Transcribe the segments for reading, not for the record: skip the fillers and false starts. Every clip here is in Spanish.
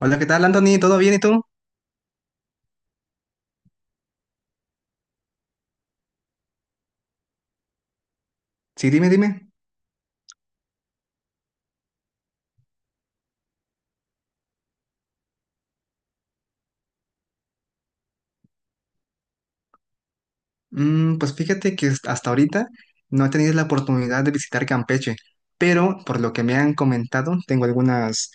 Hola, ¿qué tal, Anthony? ¿Todo bien y tú? Sí, dime, dime. Pues fíjate que hasta ahorita no he tenido la oportunidad de visitar Campeche, pero por lo que me han comentado, tengo algunos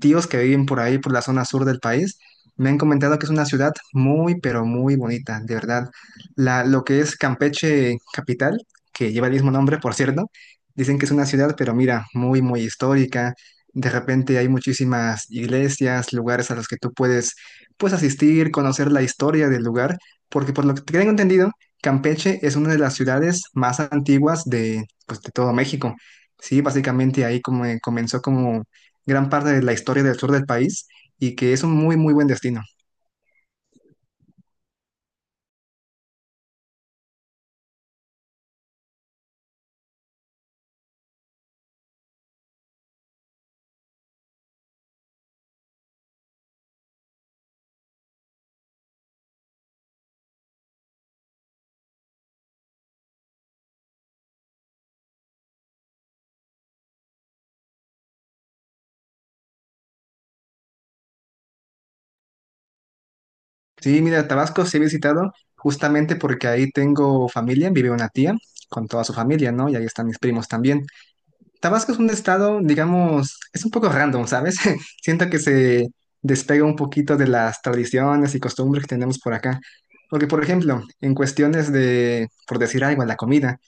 tíos que viven por ahí, por la zona sur del país. Me han comentado que es una ciudad muy, pero muy bonita, de verdad. Lo que es Campeche capital, que lleva el mismo nombre, por cierto, dicen que es una ciudad, pero mira, muy, muy histórica. De repente hay muchísimas iglesias, lugares a los que tú puedes, pues, asistir, conocer la historia del lugar. Porque por lo que tengo entendido, Campeche es una de las ciudades más antiguas de, pues, de todo México. Sí, básicamente ahí como comenzó como gran parte de la historia del sur del país y que es un muy, muy buen destino. Sí, mira, Tabasco sí he visitado justamente porque ahí tengo familia, vive una tía con toda su familia, ¿no? Y ahí están mis primos también. Tabasco es un estado, digamos, es un poco random, ¿sabes? Siento que se despega un poquito de las tradiciones y costumbres que tenemos por acá. Porque, por ejemplo, en cuestiones de, por decir algo, la comida.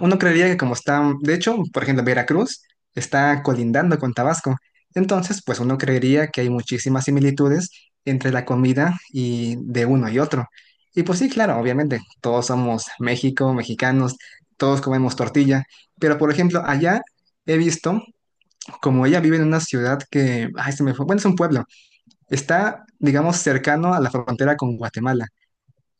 Uno creería que como está, de hecho, por ejemplo, Veracruz está colindando con Tabasco. Entonces, pues uno creería que hay muchísimas similitudes entre la comida y de uno y otro. Y pues sí, claro, obviamente, todos somos México, mexicanos, todos comemos tortilla. Pero, por ejemplo, allá he visto, como ella vive en una ciudad que, ay, se me fue, bueno, es un pueblo, está, digamos, cercano a la frontera con Guatemala.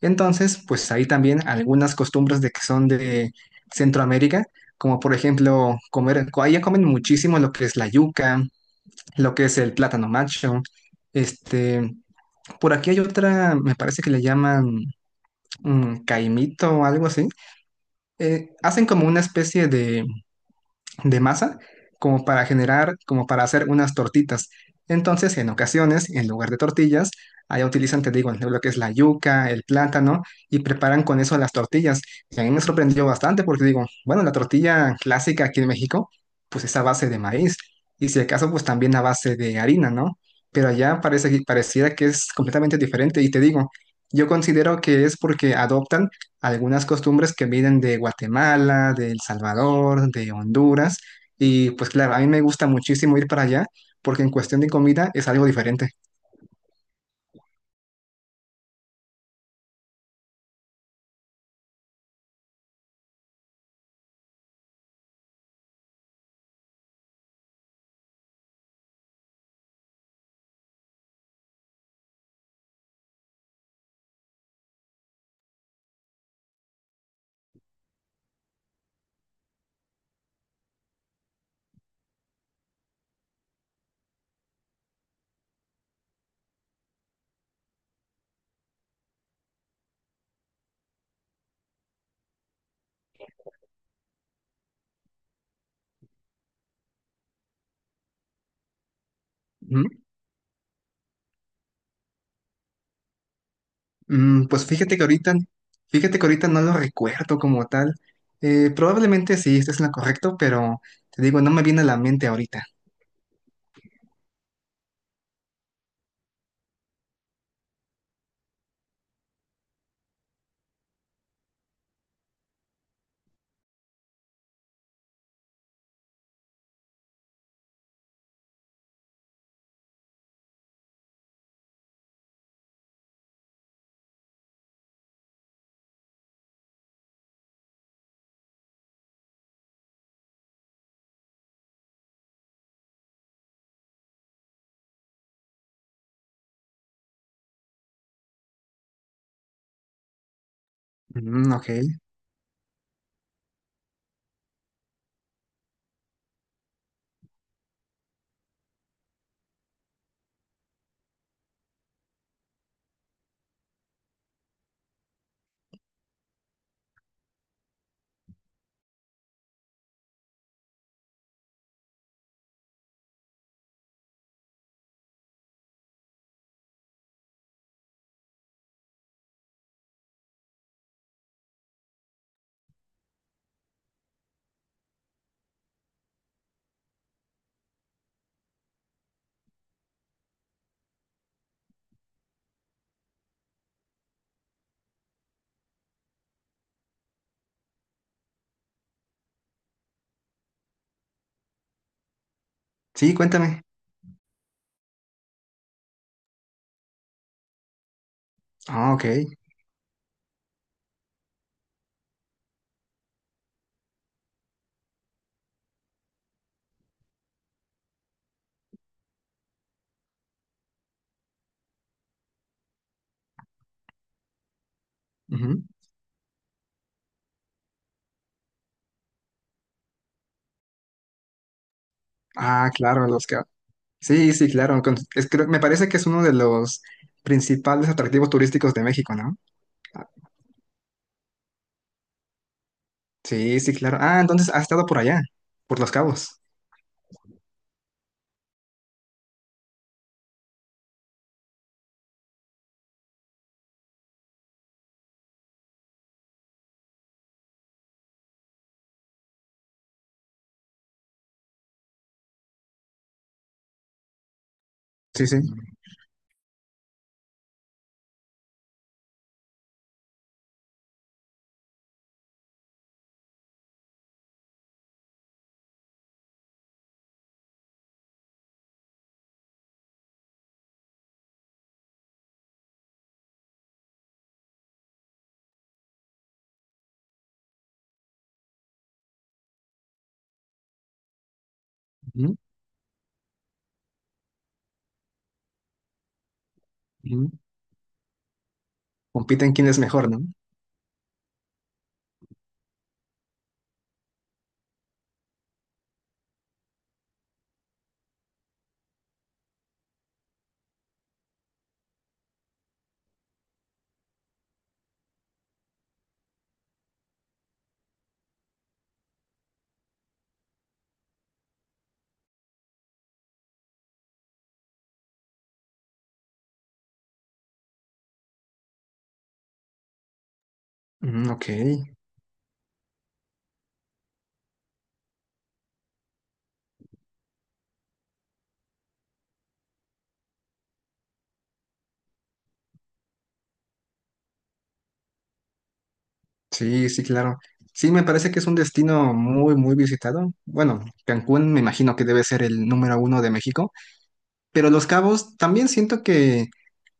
Entonces, pues hay también algunas costumbres de que son de Centroamérica, como por ejemplo allá comen muchísimo lo que es la yuca, lo que es el plátano macho. Este, por aquí hay otra, me parece que le llaman caimito o algo así. Hacen como una especie de masa como para generar, como para hacer unas tortitas. Entonces, en ocasiones, en lugar de tortillas, allá utilizan, te digo, lo que es la yuca, el plátano, y preparan con eso las tortillas. Y a mí me sorprendió bastante porque digo, bueno, la tortilla clásica aquí en México, pues es a base de maíz, y si acaso, pues también a base de harina, ¿no? Pero allá parece que pareciera que es completamente diferente, y te digo, yo considero que es porque adoptan algunas costumbres que vienen de Guatemala, de El Salvador, de Honduras. Y pues claro, a mí me gusta muchísimo ir para allá porque en cuestión de comida es algo diferente. Ujú. Pues fíjate que ahorita no lo recuerdo como tal. Probablemente sí, esto es lo correcto, pero te digo, no me viene a la mente ahorita. Mm, ok. Sí, cuéntame. Ah, ok. Ujú. Ah, claro, los que... Me parece que es uno de los principales atractivos turísticos de México, ¿no? Ah, sí, sí, claro. Ah, entonces has estado por allá, por Los Cabos. Sí, sí. Ujú, ujú. Compiten quién es mejor, ¿no? Mm, ok. Sí, sí, claro. Sí, me parece que es un destino muy, muy visitado. Bueno, Cancún me imagino que debe ser el número uno de México, pero Los Cabos también siento que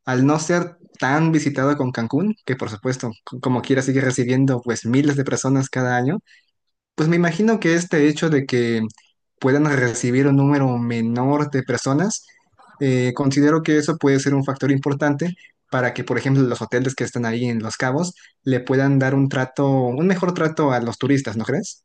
al no ser tan visitado con Cancún, que por supuesto, como quiera, sigue recibiendo pues miles de personas cada año, pues me imagino que este hecho de que puedan recibir un número menor de personas, considero que eso puede ser un factor importante para que, por ejemplo, los hoteles que están ahí en Los Cabos le puedan dar un trato, un mejor trato a los turistas, ¿no crees?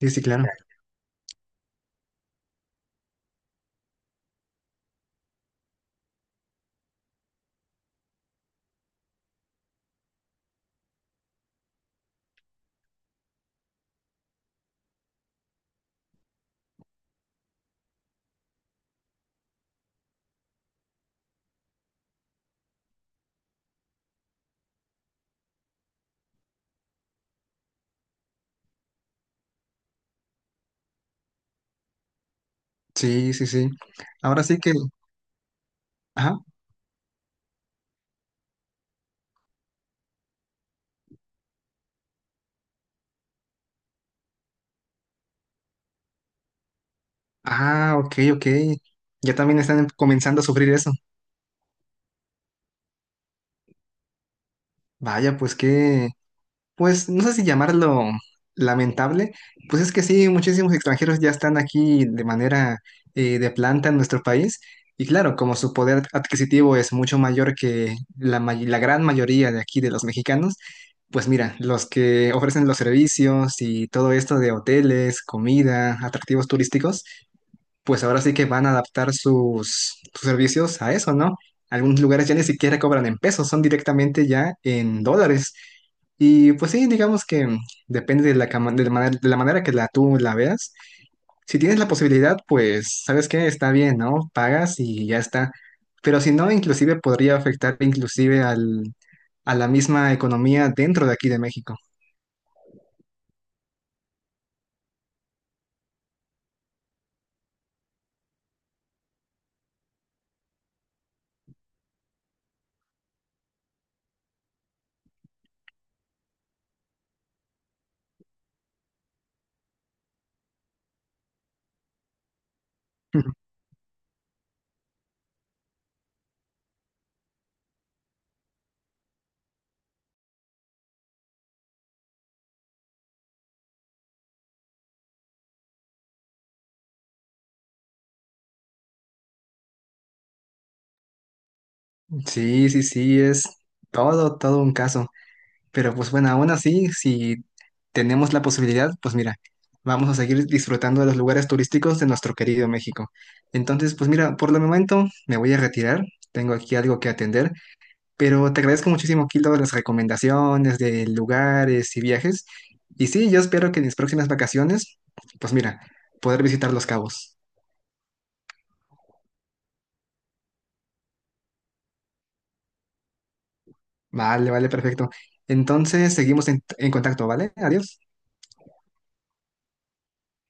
Sí, sí, claro. Sí, sí, sí. Ahora sí que... Ajá. Ah, ok, ok. Ya también están comenzando a sufrir eso. Vaya, pues qué, pues no sé si llamarlo lamentable, pues es que sí, muchísimos extranjeros ya están aquí de manera de planta en nuestro país y claro, como su poder adquisitivo es mucho mayor que la gran mayoría de aquí de los mexicanos, pues mira, los que ofrecen los servicios y todo esto de hoteles, comida, atractivos turísticos pues ahora sí que van a adaptar sus servicios a eso, ¿no? Algunos lugares ya ni siquiera cobran en pesos, son directamente ya en dólares. Y pues sí, digamos que depende de la manera, de la manera que tú la veas. Si tienes la posibilidad, pues, ¿sabes qué? Está bien, ¿no? Pagas y ya está. Pero si no, inclusive podría afectar inclusive a la misma economía dentro de aquí de México. Sí, sí, sí, es todo un caso. Pero pues bueno, aún así, si tenemos la posibilidad, pues mira, vamos a seguir disfrutando de los lugares turísticos de nuestro querido México. Entonces, pues mira, por el momento me voy a retirar, tengo aquí algo que atender, pero te agradezco muchísimo, Kilo, las recomendaciones de lugares y viajes. Y sí, yo espero que en mis próximas vacaciones, pues mira, poder visitar Los Cabos. Vale, vale, perfecto. Entonces, seguimos en contacto, ¿vale? Adiós.